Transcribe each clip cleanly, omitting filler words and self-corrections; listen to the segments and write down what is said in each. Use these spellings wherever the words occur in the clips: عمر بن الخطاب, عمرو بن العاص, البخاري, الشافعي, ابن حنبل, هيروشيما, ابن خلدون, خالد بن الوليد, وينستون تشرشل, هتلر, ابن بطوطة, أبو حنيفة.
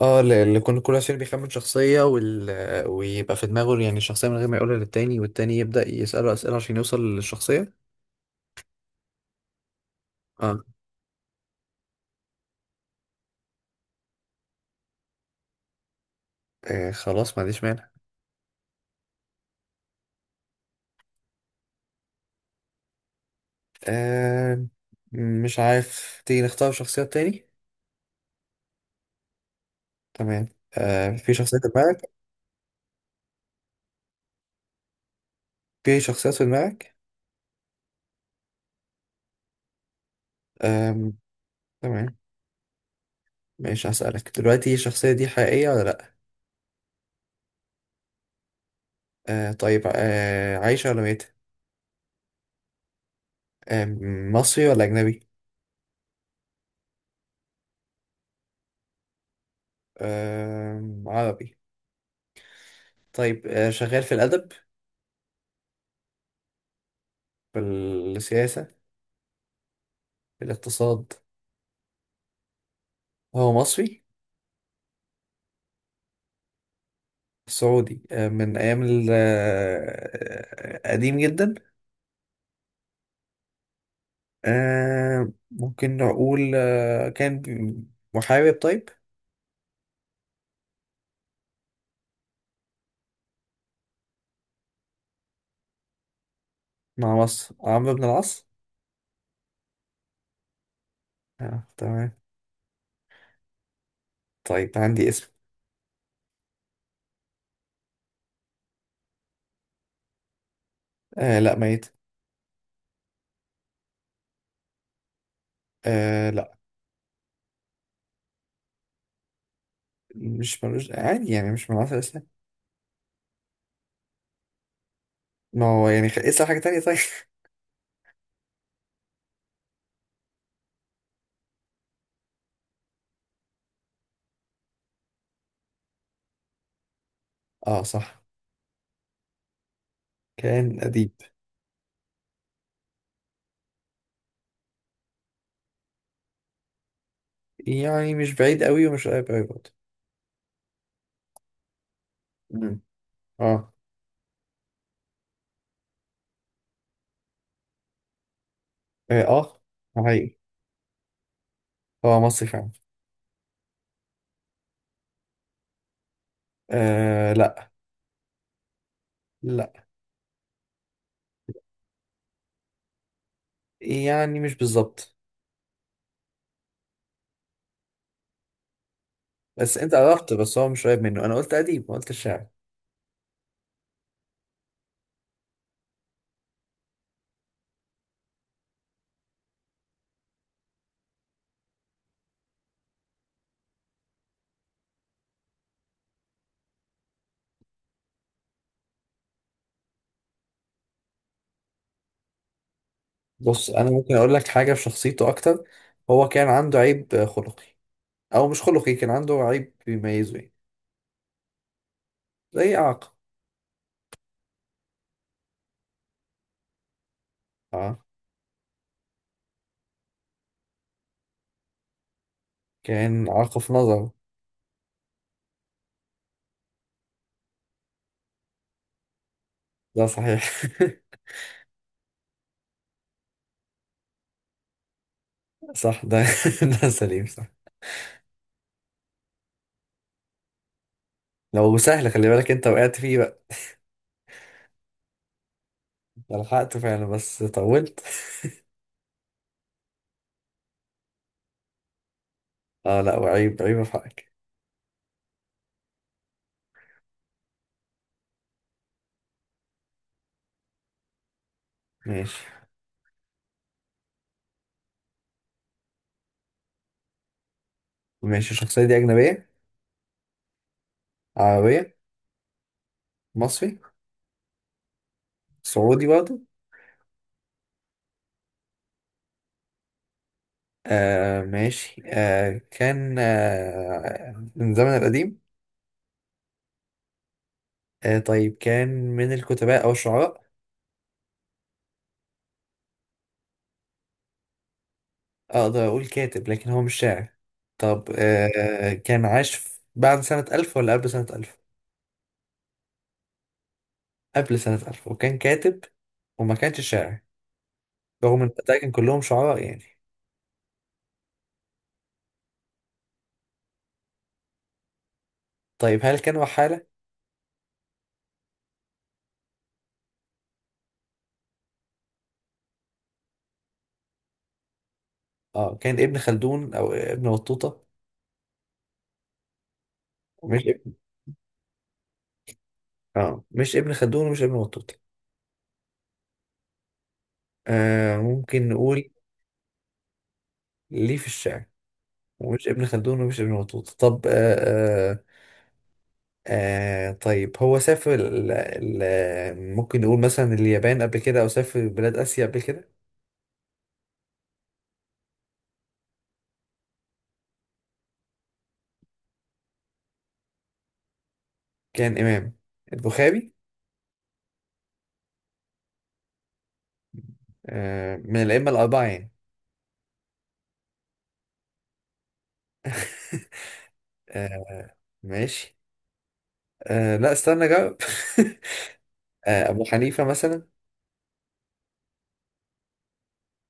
اه، اللي كل واحد فينا بيخمن شخصية ويبقى في دماغه، يعني الشخصية، من غير ما يقولها للتاني، والتاني يبدأ يسأله أسئلة عشان يوصل للشخصية. اه. خلاص، ما عنديش مانع. آه مش عارف، تيجي نختار شخصية تاني؟ تمام. في شخصية في دماغك؟ في شخصيات في دماغك؟ آه تمام، ماشي. هسألك دلوقتي، الشخصية دي حقيقية ولا لأ؟ طيب، عايشة ولا ميتة؟ آه مصري ولا أجنبي؟ آه، عربي. طيب، شغال في الأدب؟ في السياسة؟ في الاقتصاد؟ هو مصري؟ سعودي، من أيام قديم جدا. ممكن نقول كان محارب طيب. مع مصر؟ عمرو بن العاص. تمام. طيب، عندي اسم. آه، لا، ميت. آه، لا. مش ملوش عادي، يعني مش من عصر الإسلام. ما هو يعني، اسأل حاجة تانية طيب. اه، صح، كان أديب. يعني مش بعيد قوي ومش قريب قوي برضه. مم. اه. اه، حقيقي. هو مصري فعلا. آه، لا. لا. يعني مش بالظبط. بس انت قربت، بس هو مش قريب منه. انا قلت اديب، ما قلت شاعر. بص، انا ممكن اقول لك حاجه في شخصيته اكتر. هو كان عنده عيب خلقي. او مش خلقي، كان عنده عيب بيميزه يعني. زي اعاقه. اه، كان اعاقه في نظره. ده صحيح. صح ده. ده سليم صح. لو سهل خلي بالك، انت وقعت فيه بقى. ده لحقته فعلا، بس طولت. اه، لا، وعيب عيب في حقك. ماشي، ماشي. الشخصيه دي اجنبيه؟ عربيه؟ مصري؟ سعودي برضه؟ ماشي. كان من الزمن القديم. طيب، كان من الكتباء أو الشعراء؟ أقدر أقول كاتب، لكن هو مش شاعر. طب، كان عاش بعد سنة ألف ولا قبل سنة ألف؟ قبل سنة ألف وكان كاتب. وما كانش شاعر. رغم إن البتاع كان كلهم شعراء يعني. طيب، هل كان وحالة؟ اه، كان ابن خلدون أو ابن بطوطة؟ مش ابن. اه، مش ابن خلدون ومش ابن بطوطة. ممكن نقول. ليه في الشعر؟ ومش ابن خلدون ومش ابن بطوطة. طب، آه طيب. هو سافر ال ممكن نقول مثلا اليابان قبل كده، أو سافر بلاد آسيا قبل كده؟ كان إمام؟ البخاري؟ من الأئمة الأربعة يعني؟ آه ماشي. لا، استنى جاوب. أبو حنيفة مثلا؟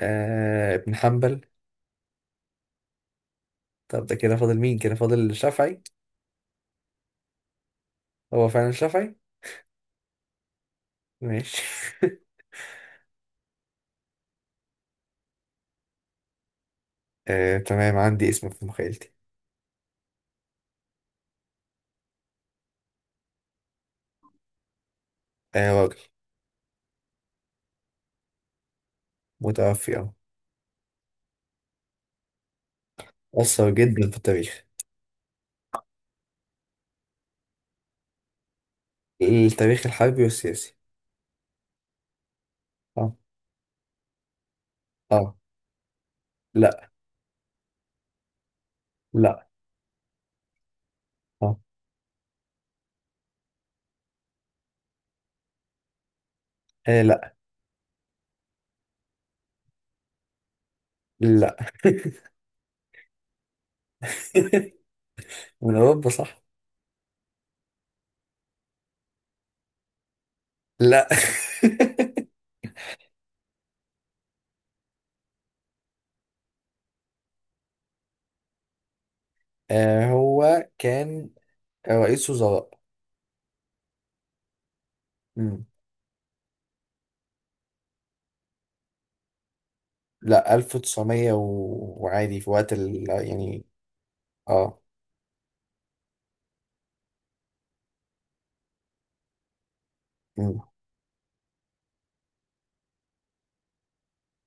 ابن حنبل؟ طب، ده كده فاضل مين؟ كده فاضل الشافعي. هو فعلا الشافعي. ماشي. تمام. عندي اسم في مخيلتي. آه، راجل. متوفي، اه. أثر جدا في التاريخ. التاريخ الحربي والسياسي. اه. اه. لا. لا. اه. إيه، لا. لا. من أوروبا، صح. لا. هو كان رئيس وزراء. مم. لا، 1900 وعادي في وقت يعني. اه. مم.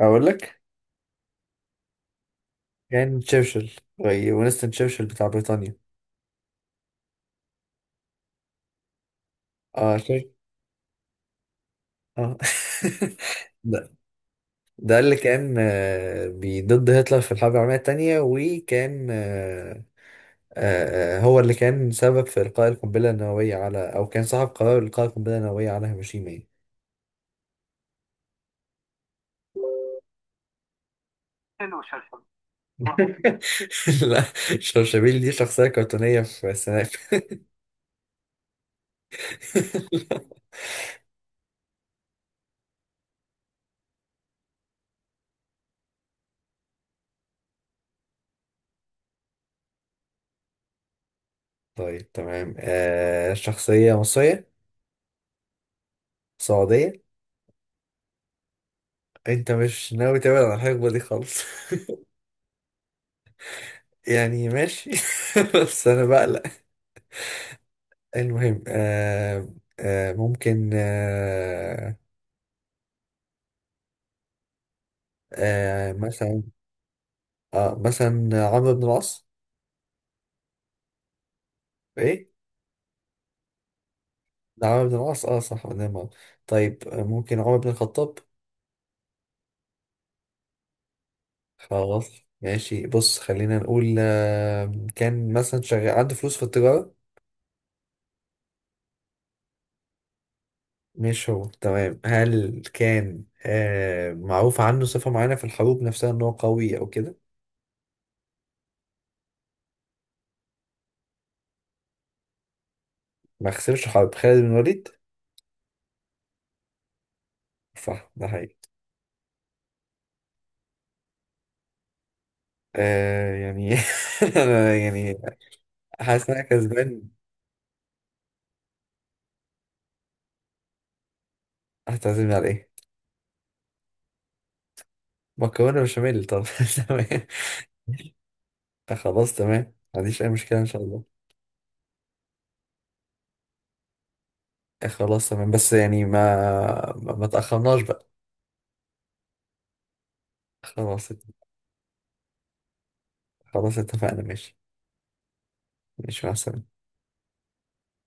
أقول لك. كان تشرشل. وينستون تشرشل بتاع بريطانيا. اه، شيء. اه. لا. ده اللي كان ضد هتلر في الحرب العالمية التانية، وكان هو اللي كان سبب في إلقاء القنبلة النووية على، أو كان صاحب قرار إلقاء القنبلة النووية على هيروشيما يعني. لا. شرشبيل دي شخصية كرتونية في السناب. طيب، تمام. شخصية مصرية؟ سعودية؟ أنت مش ناوي تبعد عن الحقبة دي خالص. يعني ماشي، بس أنا بقلق. المهم، ممكن، آه مثلا مثلا عمرو بن العاص. ايه ده عمرو بن العاص، اه، صح، قدام عمرو. طيب، ممكن عمر بن الخطاب؟ خلاص. ماشي، بص خلينا نقول كان مثلا شغال عنده فلوس في التجارة. مش هو، تمام. هل كان معروف عنه صفة معينة في الحروب نفسها، ان هو قوي او كده؟ ما خسرش حرب. خالد بن الوليد. صح، ده حقيقي. آه، يعني. أنا يعني. حاسس ان انا كسبان. هتعزمني على ايه؟ مكرونة بشاميل؟ طب، تمام. خلاص، تمام، ما عنديش اي مشكله ان شاء الله. خلاص، تمام، بس يعني، ما تاخرناش بقى. خلاص. خلاص، اتفقنا، ماشي. ماشي، مع السلامه.